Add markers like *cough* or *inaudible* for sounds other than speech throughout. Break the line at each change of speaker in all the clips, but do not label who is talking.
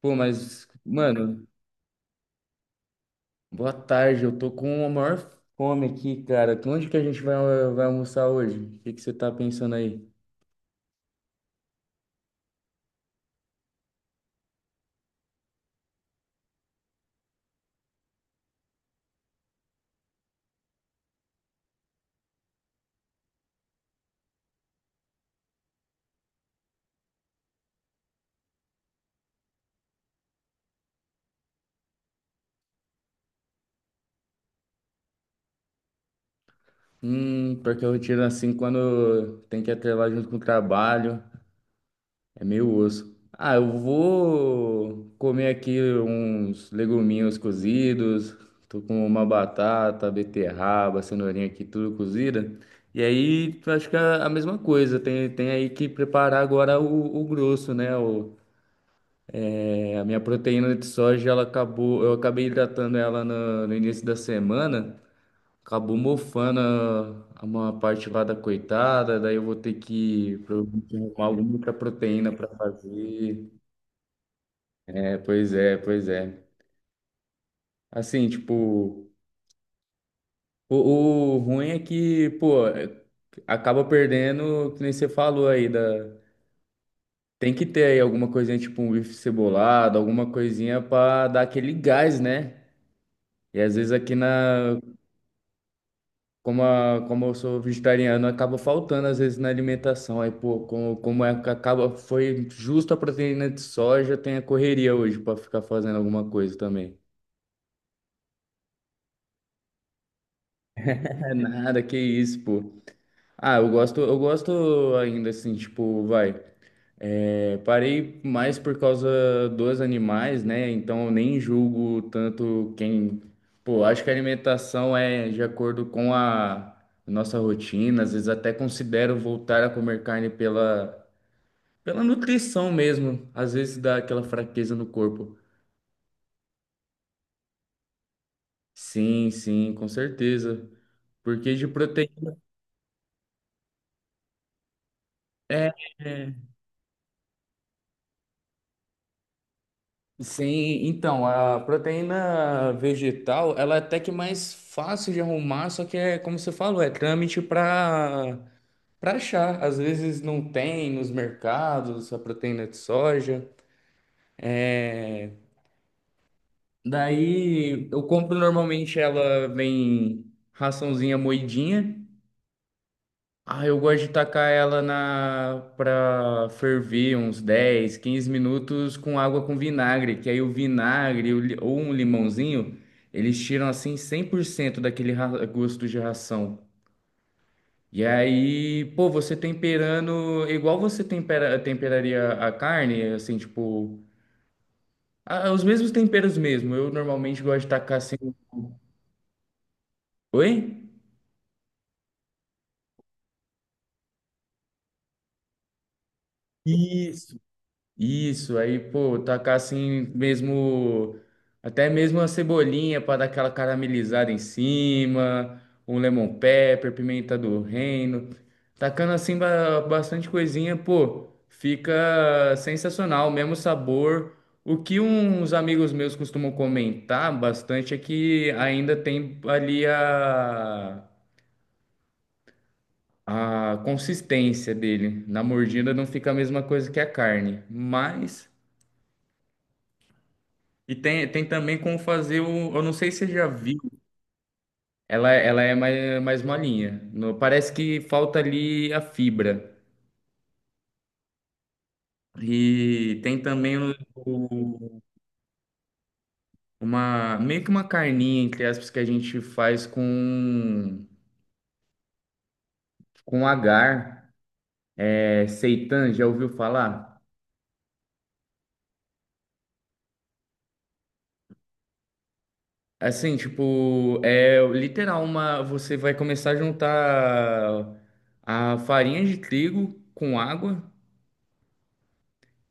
Pô, mas, mano, boa tarde. Eu tô com a maior fome aqui, cara. Onde que a gente vai almoçar hoje? O que que você tá pensando aí? Porque a rotina assim, quando tem que atrelar junto com o trabalho, é meio osso. Ah, eu vou comer aqui uns leguminhos cozidos. Tô com uma batata, beterraba, cenourinha aqui, tudo cozida. E aí, acho que é a mesma coisa. Tem aí que preparar agora o grosso, né? É, a minha proteína de soja, ela acabou, eu acabei hidratando ela no início da semana, acabou mofando uma parte lá da coitada, daí eu vou ter que provavelmente arrumar alguma outra proteína para fazer. É, pois é, pois é. Assim, tipo, o, o ruim é que, pô, acaba perdendo, que nem você falou aí, tem que ter aí alguma coisinha, tipo um bife cebolado, alguma coisinha para dar aquele gás, né? E às vezes aqui na. Como eu sou vegetariano, acaba faltando às vezes na alimentação. Aí, pô, como é que acaba, foi justo a proteína de soja, tem a correria hoje para ficar fazendo alguma coisa também. É nada, que isso, pô. Ah, eu gosto ainda assim, tipo, vai. É, parei mais por causa dos animais, né? Então eu nem julgo tanto quem. Pô, acho que a alimentação é de acordo com a nossa rotina, às vezes até considero voltar a comer carne pela. Pela nutrição mesmo, às vezes dá aquela fraqueza no corpo. Sim, sim, com certeza. Porque de proteína. É, é. Sim, então, a proteína vegetal, ela é até que mais fácil de arrumar, só que é, como você falou, é trâmite para achar. Às vezes não tem nos mercados a proteína de soja. Daí eu compro normalmente ela vem raçãozinha moidinha. Ah, eu gosto de tacar ela na para ferver uns 10, 15 minutos com água com vinagre, que aí o vinagre ou um limãozinho, eles tiram assim 100% daquele gosto de ração. E aí, pô, você temperando igual você temperaria a carne, assim, tipo, ah, os mesmos temperos mesmo. Eu normalmente gosto de tacar assim. um- Oi? Isso. Isso, aí, pô, tacar assim mesmo, até mesmo uma cebolinha para dar aquela caramelizada em cima, um lemon pepper, pimenta do reino, tacando assim bastante coisinha, pô, fica sensacional, mesmo sabor. O que uns amigos meus costumam comentar bastante é que ainda tem ali a consistência dele. Na mordida não fica a mesma coisa que a carne, mas. E tem também como fazer o. Eu não sei se você já viu. Ela é mais molinha. Parece que falta ali a fibra. E tem também uma, meio que uma carninha, entre aspas, que a gente faz com agar. É, seitan, já ouviu falar? Assim, tipo, é literal uma. Você vai começar a juntar a farinha de trigo com água.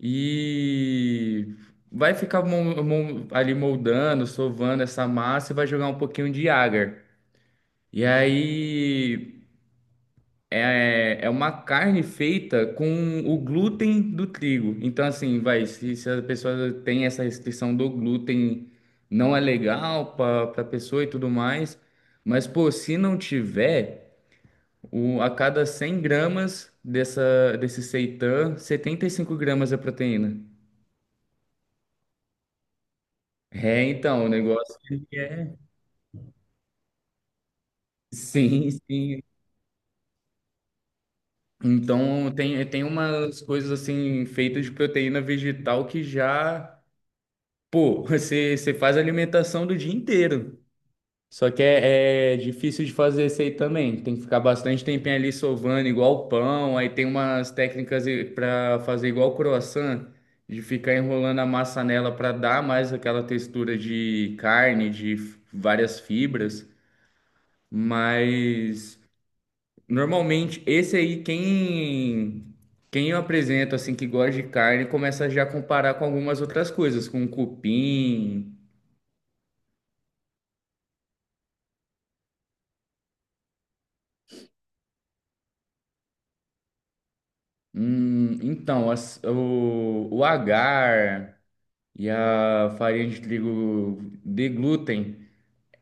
E vai ficar ali moldando, sovando essa massa e vai jogar um pouquinho de agar. E aí é uma carne feita com o glúten do trigo. Então, assim, vai, se a pessoa tem essa restrição do glúten, não é legal para a pessoa e tudo mais. Mas, pô, se não tiver, a cada 100 gramas desse seitan, 75 gramas é proteína. É, então, o negócio ele é. Sim, sim. Então, tem umas coisas assim feitas de proteína vegetal que já. Pô, *laughs* você faz a alimentação do dia inteiro. Só que é difícil de fazer isso aí também. Tem que ficar bastante tempinho ali sovando, igual pão. Aí tem umas técnicas para fazer igual croissant, de ficar enrolando a massa nela para dar mais aquela textura de carne, de várias fibras. Mas. Normalmente, esse aí, quem eu apresento, assim, que gosta de carne, começa já a comparar com algumas outras coisas, com cupim. Então, o agar e a farinha de trigo de glúten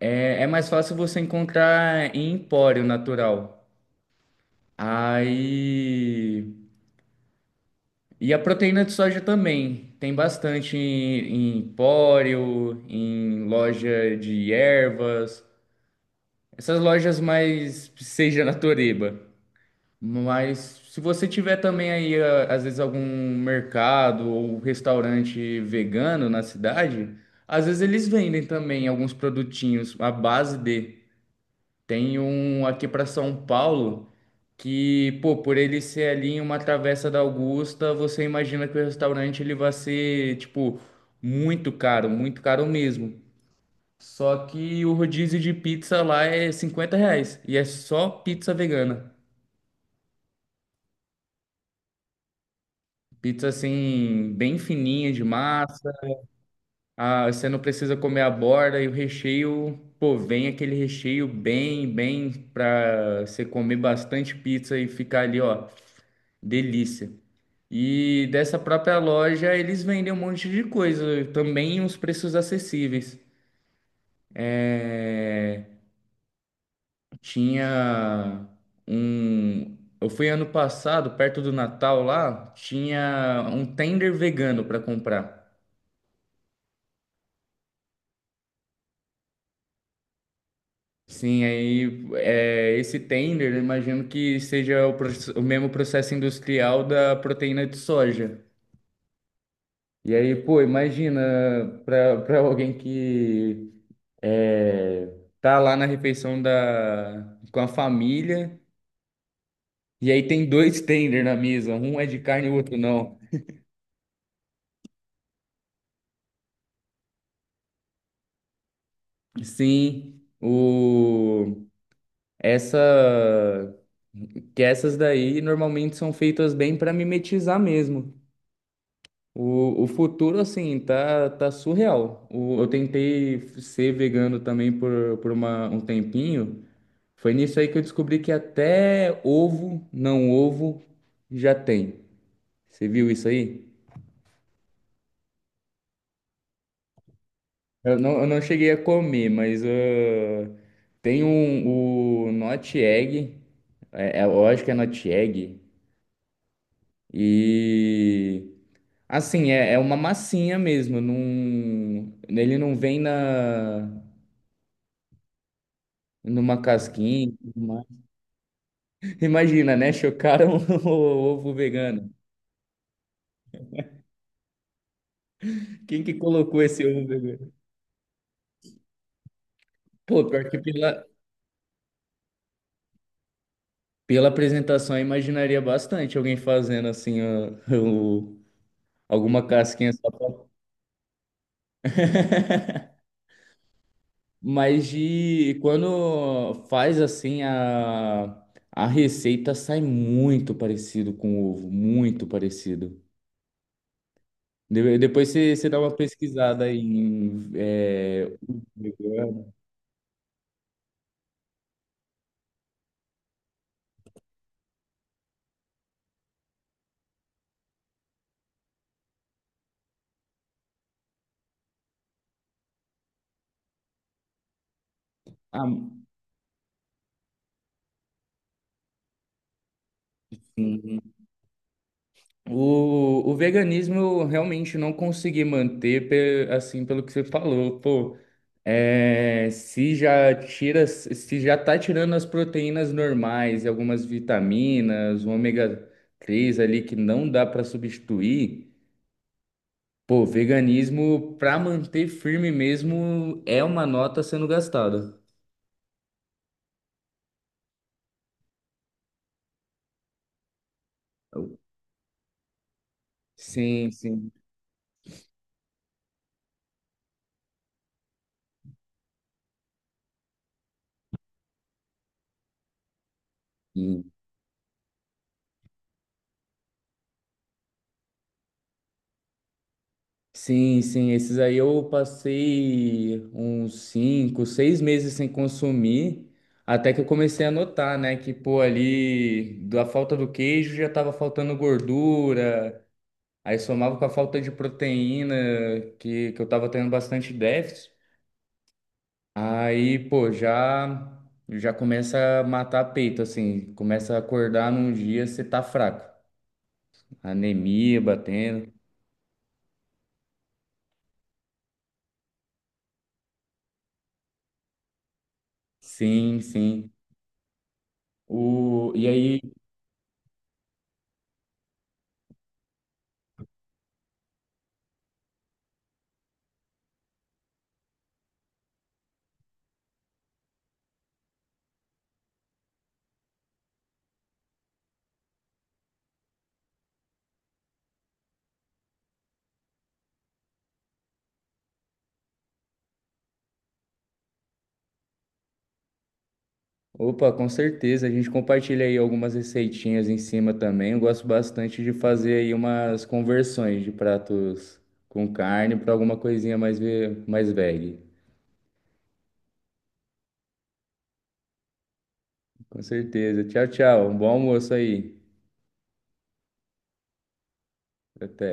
é mais fácil você encontrar em empório natural. Aí. E a proteína de soja também. Tem bastante em, empório, em loja de ervas. Essas lojas mais seja na Toreba. Mas se você tiver também aí, às vezes, algum mercado ou um restaurante vegano na cidade, às vezes eles vendem também alguns produtinhos à base de. Tem um aqui para São Paulo que, pô, por ele ser ali em uma travessa da Augusta, você imagina que o restaurante ele vai ser, tipo, muito caro mesmo. Só que o rodízio de pizza lá é R$ 50. E é só pizza vegana. Pizza assim, bem fininha de massa. Ah, você não precisa comer a borda e o recheio. Pô, vem aquele recheio bem pra você comer bastante pizza e ficar ali, ó, delícia. E dessa própria loja eles vendem um monte de coisa, também uns preços acessíveis. É. Tinha um. Eu fui ano passado, perto do Natal lá, tinha um tender vegano para comprar. Sim, aí é, esse tender, eu imagino que seja o mesmo processo industrial da proteína de soja. E aí, pô, imagina para alguém que é, tá lá na refeição com a família, e aí tem dois tender na mesa, um é de carne e o outro não. Sim, o essa que essas daí normalmente são feitas bem para mimetizar mesmo. O futuro assim tá surreal. Eu tentei ser vegano também por um tempinho. Foi nisso aí que eu descobri que até ovo, não ovo, já tem. Você viu isso aí? Eu não cheguei a comer, mas ah, tem o Not Egg, eu acho que é Not Egg, e assim, é uma massinha mesmo, não, ele não vem na, numa casquinha. E tudo mais. *laughs* Imagina, né? Chocaram *laughs* o ovo vegano. Quem que colocou esse ovo vegano? Pô, pior que pela apresentação eu imaginaria bastante alguém fazendo assim ah, *laughs* alguma casquinha só pra. *laughs* Mas de quando faz assim a receita sai muito parecido com ovo, muito parecido. Depois você dá uma pesquisada em ovo vegano. Ah, sim. O veganismo eu realmente não consegui manter, assim, pelo que você falou. Pô, é, se já tá tirando as proteínas normais e algumas vitaminas, o ômega 3 ali que não dá para substituir, pô, veganismo para manter firme mesmo é uma nota sendo gastada. Sim, sim. Sim, sim, esses aí eu passei uns 5, 6 meses sem consumir, até que eu comecei a notar, né, que pô, ali da falta do queijo já tava faltando gordura, aí somava com a falta de proteína, que eu tava tendo bastante déficit, aí pô, já, começa a matar peito, assim, começa a acordar num dia você tá fraco, anemia batendo, sim, sim. E aí. Opa, com certeza. A gente compartilha aí algumas receitinhas em cima também. Eu gosto bastante de fazer aí umas conversões de pratos com carne para alguma coisinha mais veg. Com certeza. Tchau, tchau. Um bom almoço aí. Até.